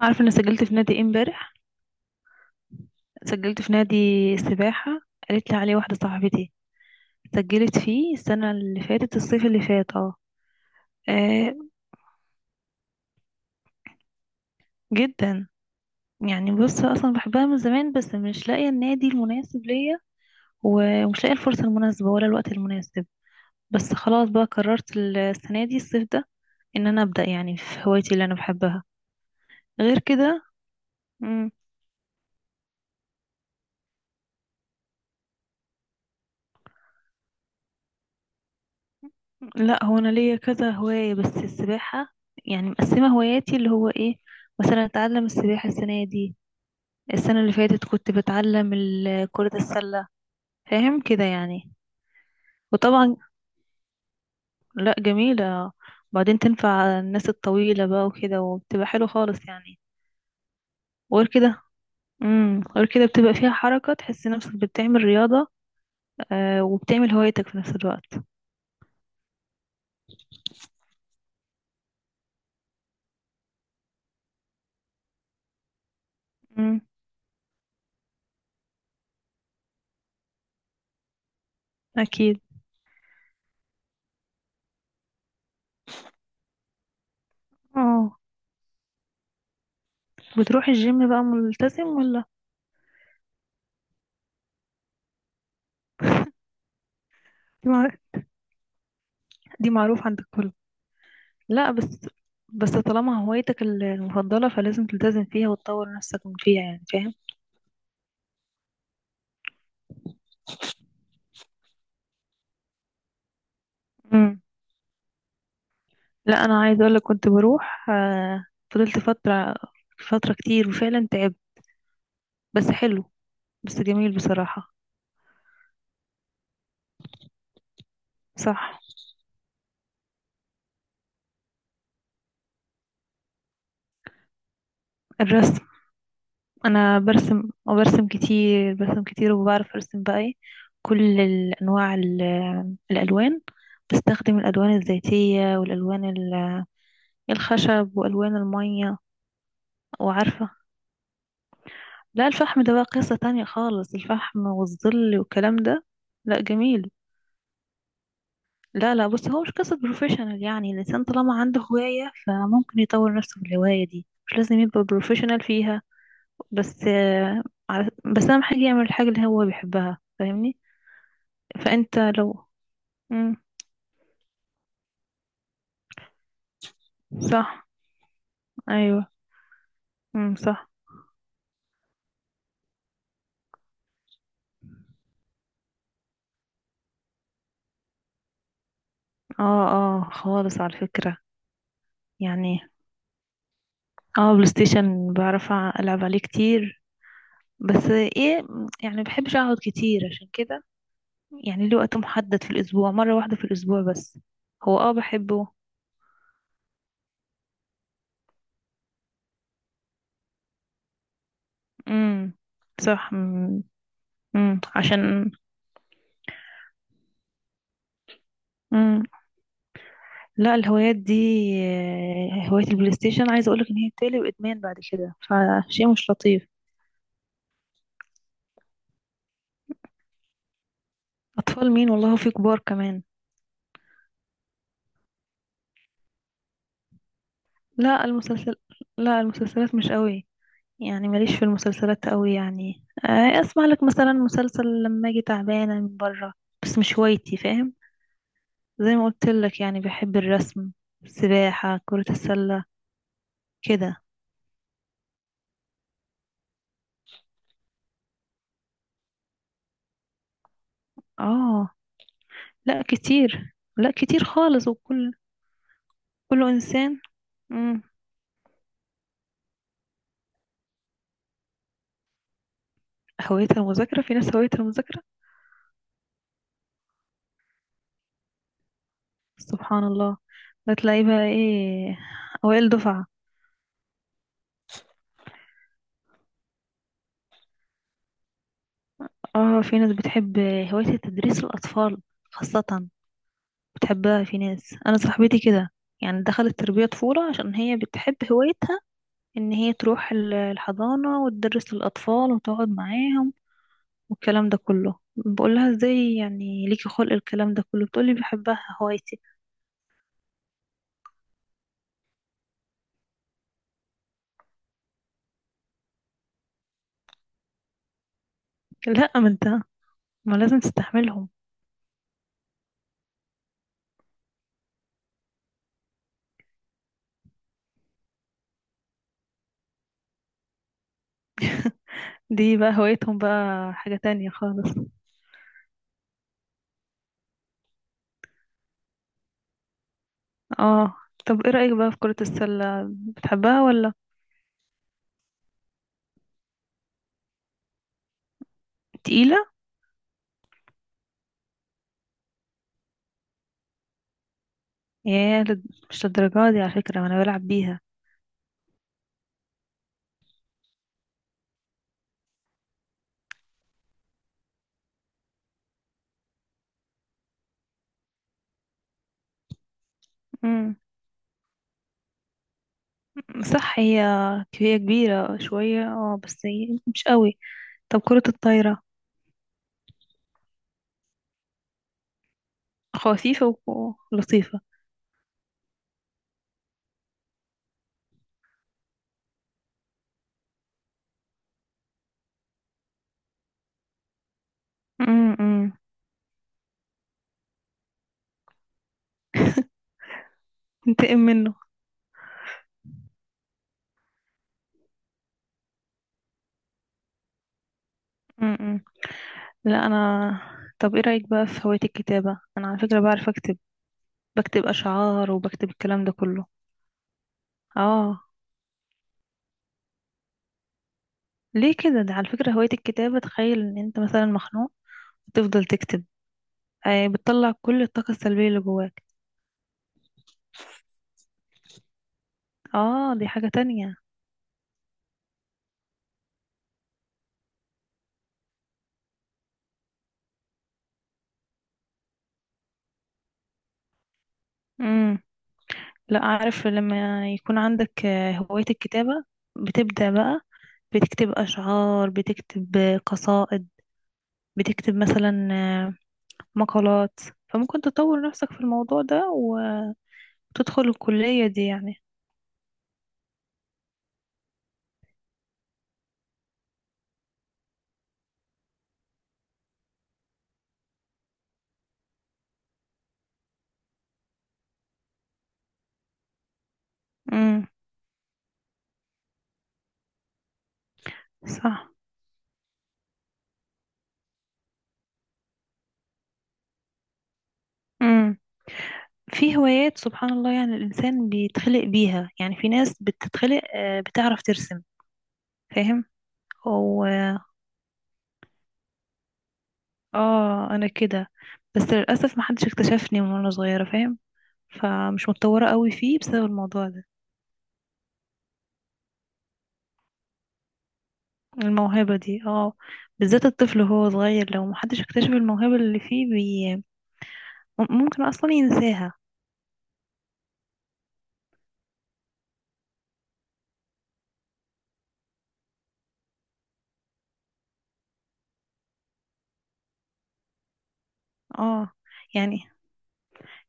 عارفه انا سجلت في نادي ايه امبارح؟ سجلت في نادي سباحه. قالت لي عليه واحده صاحبتي. سجلت فيه السنه اللي فاتت الصيف اللي فات اه. آه. جدا. يعني بص اصلا بحبها من زمان، بس مش لاقيه النادي المناسب ليا، ومش لاقيه الفرصه المناسبه ولا الوقت المناسب. بس خلاص بقى قررت السنه دي الصيف ده ان انا ابدا يعني في هوايتي اللي انا بحبها. غير كده. لا، هو انا ليا كذا هواية بس السباحة، يعني مقسمة هواياتي اللي هو ايه. مثلا اتعلم السباحة السنة دي، السنة اللي فاتت كنت بتعلم كرة السلة. فاهم كده يعني. وطبعا. لا، جميلة. وبعدين تنفع الناس الطويلة بقى وكده، وبتبقى حلو خالص يعني. وغير كده. غير كده بتبقى فيها حركة تحس نفسك بتعمل رياضة. وبتعمل هوايتك في نفس الوقت. امم. اكيد. اه بتروح الجيم بقى ملتزم ولا؟ دي مع- دي معروف عند الكل. لا بس. بس طالما هوايتك المفضلة، فلازم تلتزم فيها وتطور نفسك من فيها يعني فاهم. امم. لا، انا عايزة اقولك كنت بروح فضلت فترة، فترة كتير وفعلا تعبت. بس حلو. بس جميل بصراحة. صح. الرسم. انا برسم، وبرسم كتير، برسم كتير، وبعرف ارسم بقى ايه كل الانواع الالوان. بستخدم الالوان الزيتية، والالوان الخشب، والوان المية. وعارفة. لا، الفحم ده بقى قصة تانية خالص، الفحم والظل والكلام ده. لا، جميل. لا، لا، بص، هو مش قصة بروفيشنال، يعني الإنسان طالما عنده هواية، فممكن يطور نفسه في الهواية دي، مش لازم يبقى بروفيشنال فيها. بس بس أهم حاجة يعمل الحاجة اللي هو بيحبها فاهمني. فأنت لو. مم. صح. أيوه. مم. صح. اه، اه، خالص على فكرة. يعني. اه، بلاي ستيشن بعرف ألعب عليه كتير. بس ايه، يعني مبحبش اقعد كتير عشان كده، يعني ليه وقت محدد في الأسبوع، مرة واحدة في الأسبوع بس. هو بحبه. امم، صح. عشان. امم. لا، الهوايات دي، هواية البلاي ستيشن عايزة أقولك إن هي بتقلب إدمان بعد كده، فشيء مش لطيف. أطفال مين، والله في كبار كمان. لا، المسلسل. لا، المسلسلات مش قوي. يعني ماليش في المسلسلات قوي، يعني أسمع لك مثلا مسلسل لما أجي تعبانة من برا. بس مش هوايتي فاهم. زي ما قلت لك، يعني بحب الرسم، السباحة، كرة السلة. كده اه. لا كتير، لا كتير خالص، وكل كل انسان. مم. هوايتها المذاكرة، في ناس هوايتها المذاكرة. سبحان الله. بتلاقي بقى ايه، اوائل دفعة. اه، في ناس بتحب هواية تدريس الاطفال خاصة، بتحبها. في ناس، انا صاحبتي كده، يعني دخلت تربية طفولة عشان هي بتحب هوايتها ان هي تروح الحضانة وتدرس للاطفال وتقعد معاهم، والكلام ده كله. بقول لها ازاي يعني ليكي خلق الكلام ده كله، بتقولي بحبها هوايتي. لا، ما انت، ما لازم تستحملهم. دي بقى هوايتهم بقى حاجة تانية خالص. اه، طب ايه رأيك بقى في كرة السلة، بتحبها ولا؟ تقيلة. مش للدرجة دي على فكرة، انا بلعب بيها. امم، صح. هي كبيرة شوية، اه، بس هي مش قوي. طب كرة الطايرة. خفيفة ولطيفة. امم. انتقم منه. م-م. لا، انا، طب ايه رايك بقى في هوايه الكتابه، انا على فكره بعرف اكتب، بكتب اشعار وبكتب الكلام ده كله. اه، ليه كده، ده على فكره هوايه الكتابه، تخيل ان انت مثلا مخنوق، تفضل تكتب. بتطلع كل الطاقه السلبيه اللي جواك. اه، دي حاجه تانية. امم. لا، عارف لما يكون عندك هوايه الكتابه، بتبدا بقى بتكتب اشعار، بتكتب قصائد، بتكتب مثلا مقالات، فممكن تطور نفسك في الموضوع ده وتدخل الكلية دي يعني. امم، صح. امم في هوايات سبحان الله، يعني الإنسان بيتخلق بيها، يعني في ناس بتتخلق بتعرف ترسم فاهم. و اه أنا كده، بس للأسف محدش اكتشفني من وأنا صغيرة فاهم، فمش متطورة قوي فيه بسبب الموضوع ده. الموهبة دي اه، بالذات الطفل وهو صغير لو محدش اكتشف الموهبة اللي فيه ممكن أصلا ينساها. اه، يعني،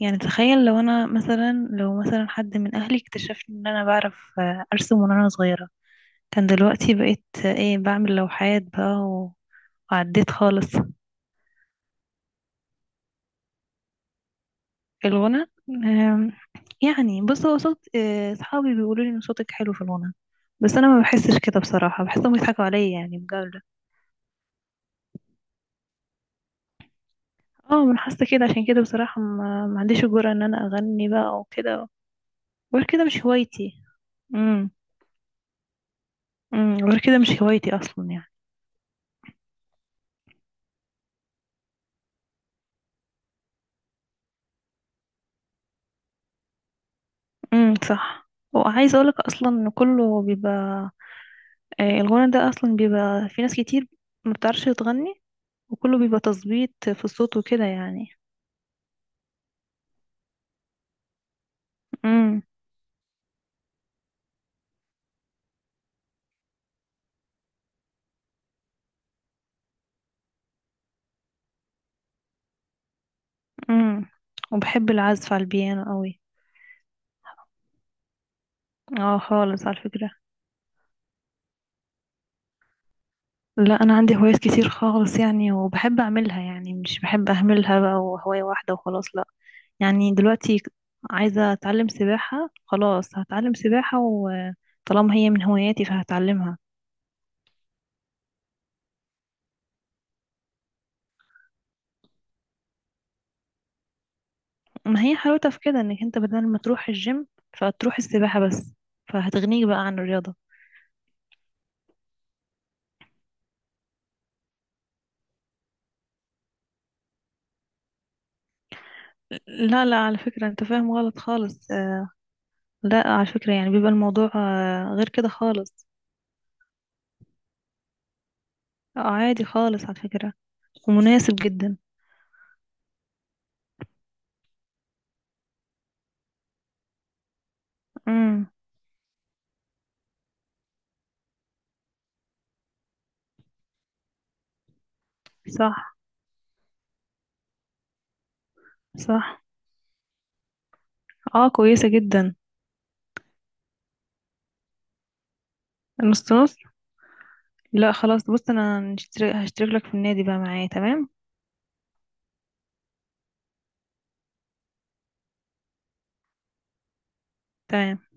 يعني تخيل لو انا مثلا، لو مثلا حد من اهلي اكتشف ان انا بعرف ارسم من وانا صغيرة، كان دلوقتي بقيت ايه، بعمل لوحات بقى وعديت خالص. الغنى يعني بص، هو صوت صحابي بيقولوا لي ان صوتك حلو في الغنى، بس انا ما بحسش كده بصراحة، بحسهم بيضحكوا عليا يعني بجد. اه، من حاسة كده، عشان كده بصراحة ما عنديش الجرأة ان انا اغني بقى وكده. غير كده مش هوايتي. امم. غير كده مش هوايتي اصلا يعني. امم، صح. وعايزه اقولك اصلا ان كله بيبقى الغنى ده اصلا بيبقى في ناس كتير ما بتعرفش تغني، وكله بيبقى تظبيط في الصوت وكده يعني. امم. امم. وبحب العزف على البيانو قوي. اه، خالص على فكره. لا، انا عندي هوايات كتير خالص يعني، وبحب اعملها، يعني مش بحب اهملها بقى وهوايه واحده وخلاص، لا. يعني دلوقتي عايزه اتعلم سباحه، خلاص هتعلم سباحه، وطالما هي من هواياتي فهتعلمها. ما هي حلاوتها في كده، انك انت بدل ما تروح الجيم، فتروح السباحة بس، فهتغنيك بقى عن الرياضة. لا، لا، على فكرة، انت فاهم غلط خالص لا، على فكرة، يعني بيبقى الموضوع غير كده خالص. آه، عادي خالص على فكرة، ومناسب جدا. امم، صح. صح، اه، كويسة جدا. نص نص. لا، خلاص، بص، انا هشترك لك في النادي بقى معايا تمام. تمام.